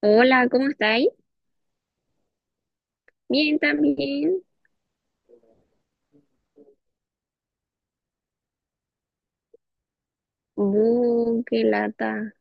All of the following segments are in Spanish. Hola, ¿cómo estáis? Bien, también. Qué lata.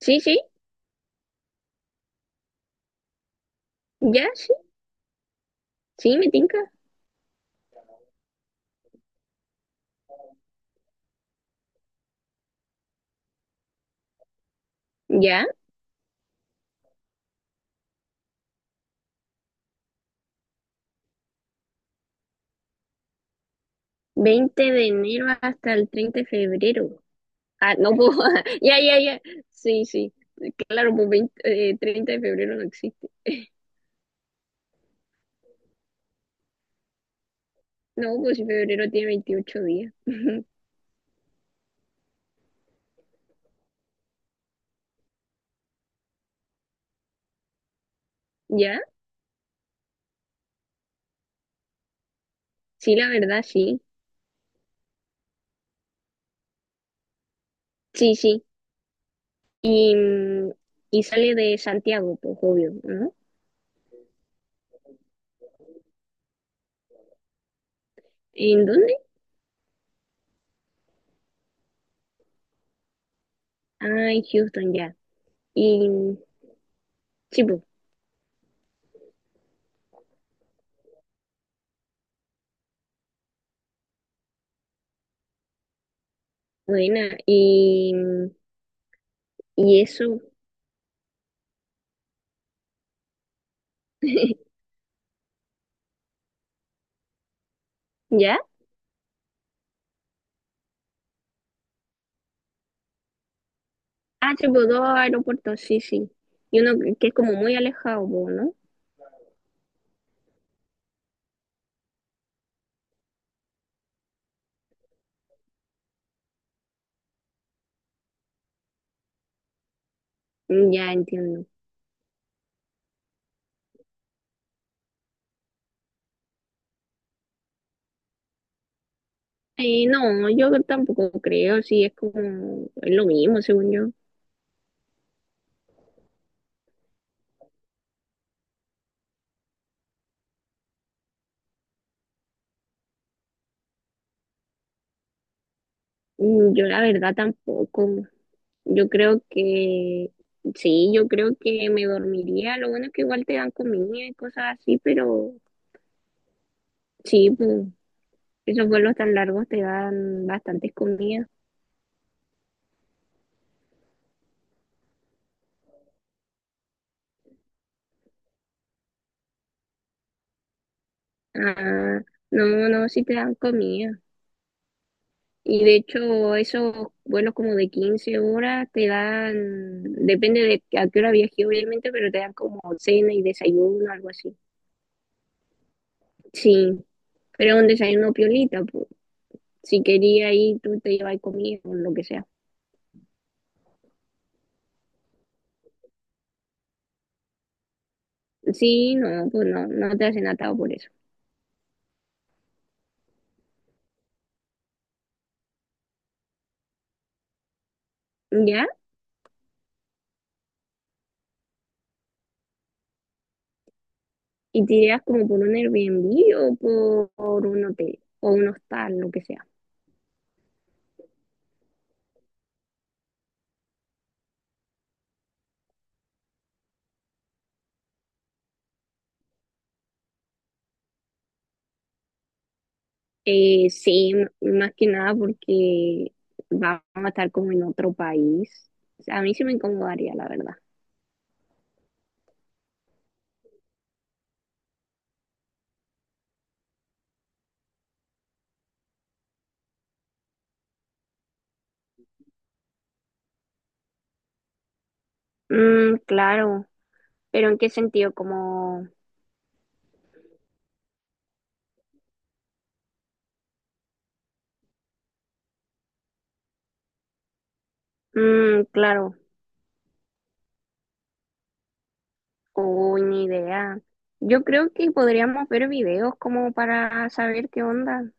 Sí, sí, ya, sí, sí, me tinca. Ya, 20 de enero hasta el 30 de febrero. Ah, no puedo. Ya, ya, ya. Sí, sí. Claro, pues veinte, 30 de febrero no existe. No, pues si febrero tiene 28 días. Ya, sí, la verdad, sí. Sí, sí. Y, y sale de Santiago, pues obvio, ¿no? ¿En dónde? Ah, en Houston, ya. Y sí, pues. Buena, y eso, ¿ya? Ah, tipo dos aeropuertos, sí, sí. Y uno que es como muy alejado, po, ¿no? Ya entiendo. No, yo tampoco creo, sí, es como, es lo mismo, según yo. Mm, yo la verdad tampoco. Yo creo que, sí, yo creo que me dormiría. Lo bueno es que igual te dan comida y cosas así, pero sí, pues, esos vuelos tan largos te dan bastantes comidas. Ah, no, no, sí te dan comida. Y de hecho, esos vuelos como de 15 horas te dan, depende de a qué hora viajes obviamente, pero te dan como cena y desayuno, algo así. Sí, pero un desayuno piolita, pues. Si quería ir, tú te llevas comida o lo que sea. Sí, no, pues no, no te hacen atado por eso. ¿Ya? Y te irás como por un Airbnb o por un hotel o un hostal, lo que sea. Sí, más que nada porque vamos a estar como en otro país. O sea, a mí sí me incomodaría, la verdad. Mm, claro, pero ¿en qué sentido? Como, mm, claro, o ni idea. Yo creo que podríamos ver videos como para saber qué onda.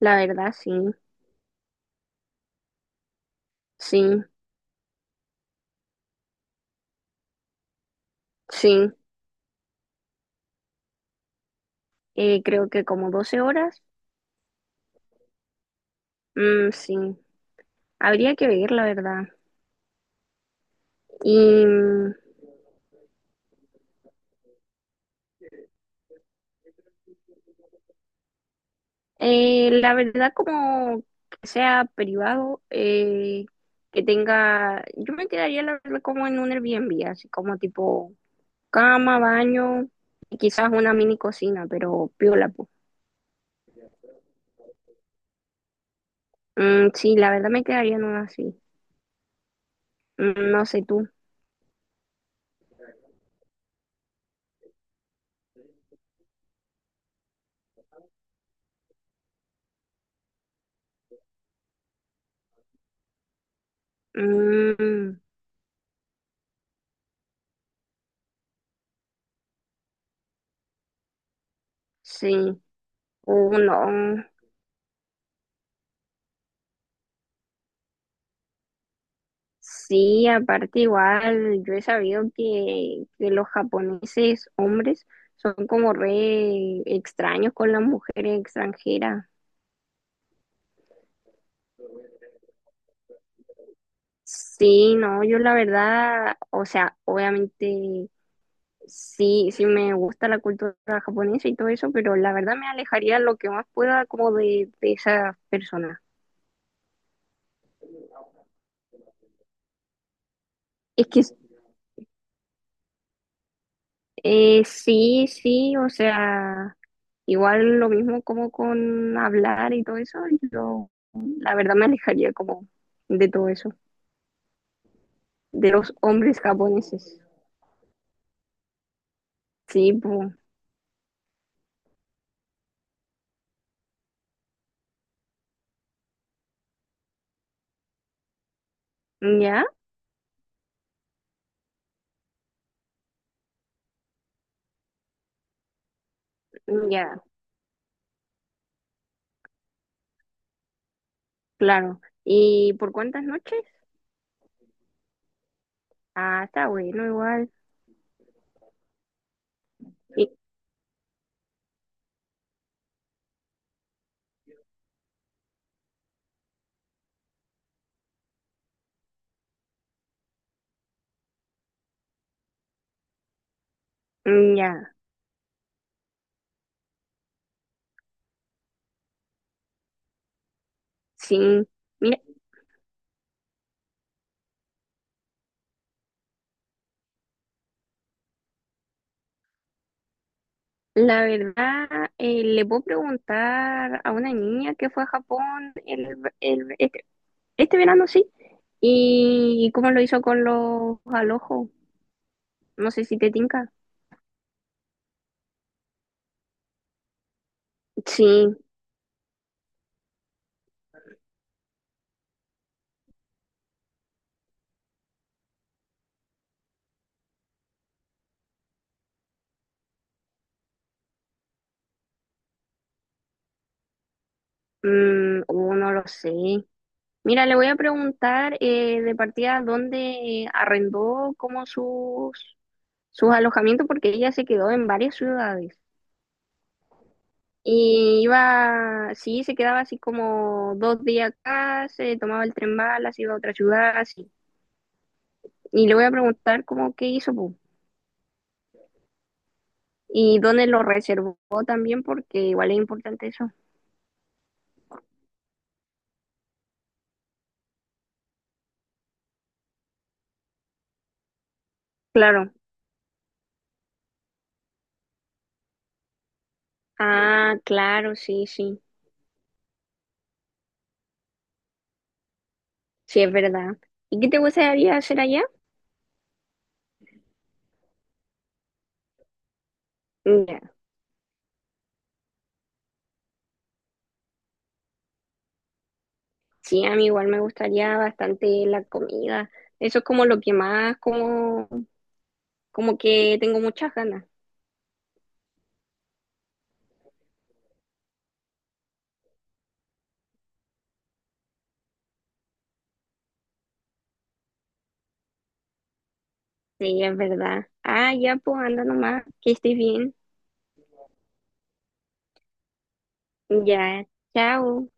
La verdad, sí, sí, sí. Creo que como 12 horas, mm, sí. Habría que ver, la verdad. Y la verdad, como que sea privado, que tenga, yo me quedaría la verdad como en un Airbnb, así como tipo cama, baño y quizás una mini cocina, pero piola, pues. Mm, sí, la verdad me quedaría en una así. Mm, no sé tú. Mm, sí, uno. Sí, aparte igual, yo he sabido que los japoneses hombres son como re extraños con las mujeres extranjeras. Sí, no, yo la verdad, o sea, obviamente sí, sí me gusta la cultura japonesa y todo eso, pero la verdad me alejaría lo que más pueda como de esas personas. Es que sí, sí, o sea, igual lo mismo como con hablar y todo eso, yo la verdad me alejaría como de todo eso, de los hombres japoneses. Sí, pues, ya, ya, claro. ¿Y por cuántas noches? Ah, está bueno, igual. Mm, ya, sí. Mira, la verdad, le puedo preguntar a una niña que fue a Japón el- este, este verano, sí, y cómo lo hizo con los alojos. No sé si te tinca. Sí, mm, oh, no lo sé. Mira, le voy a preguntar de partida dónde arrendó como sus alojamientos, porque ella se quedó en varias ciudades. Y iba, sí, se quedaba así como dos días acá, se tomaba el tren Malas, iba a otra ciudad, así. Y le voy a preguntar cómo qué hizo, po, y dónde lo reservó también, porque igual es importante eso. Claro. Ah, claro, sí, sí, sí, es verdad. ¿Y qué te gustaría hacer allá? Ya. Sí, a mí igual me gustaría bastante la comida. Eso es como lo que más, como, como que tengo muchas ganas. Sí, es verdad. Ah, ya, pues anda nomás, que estés bien. Ya, chao.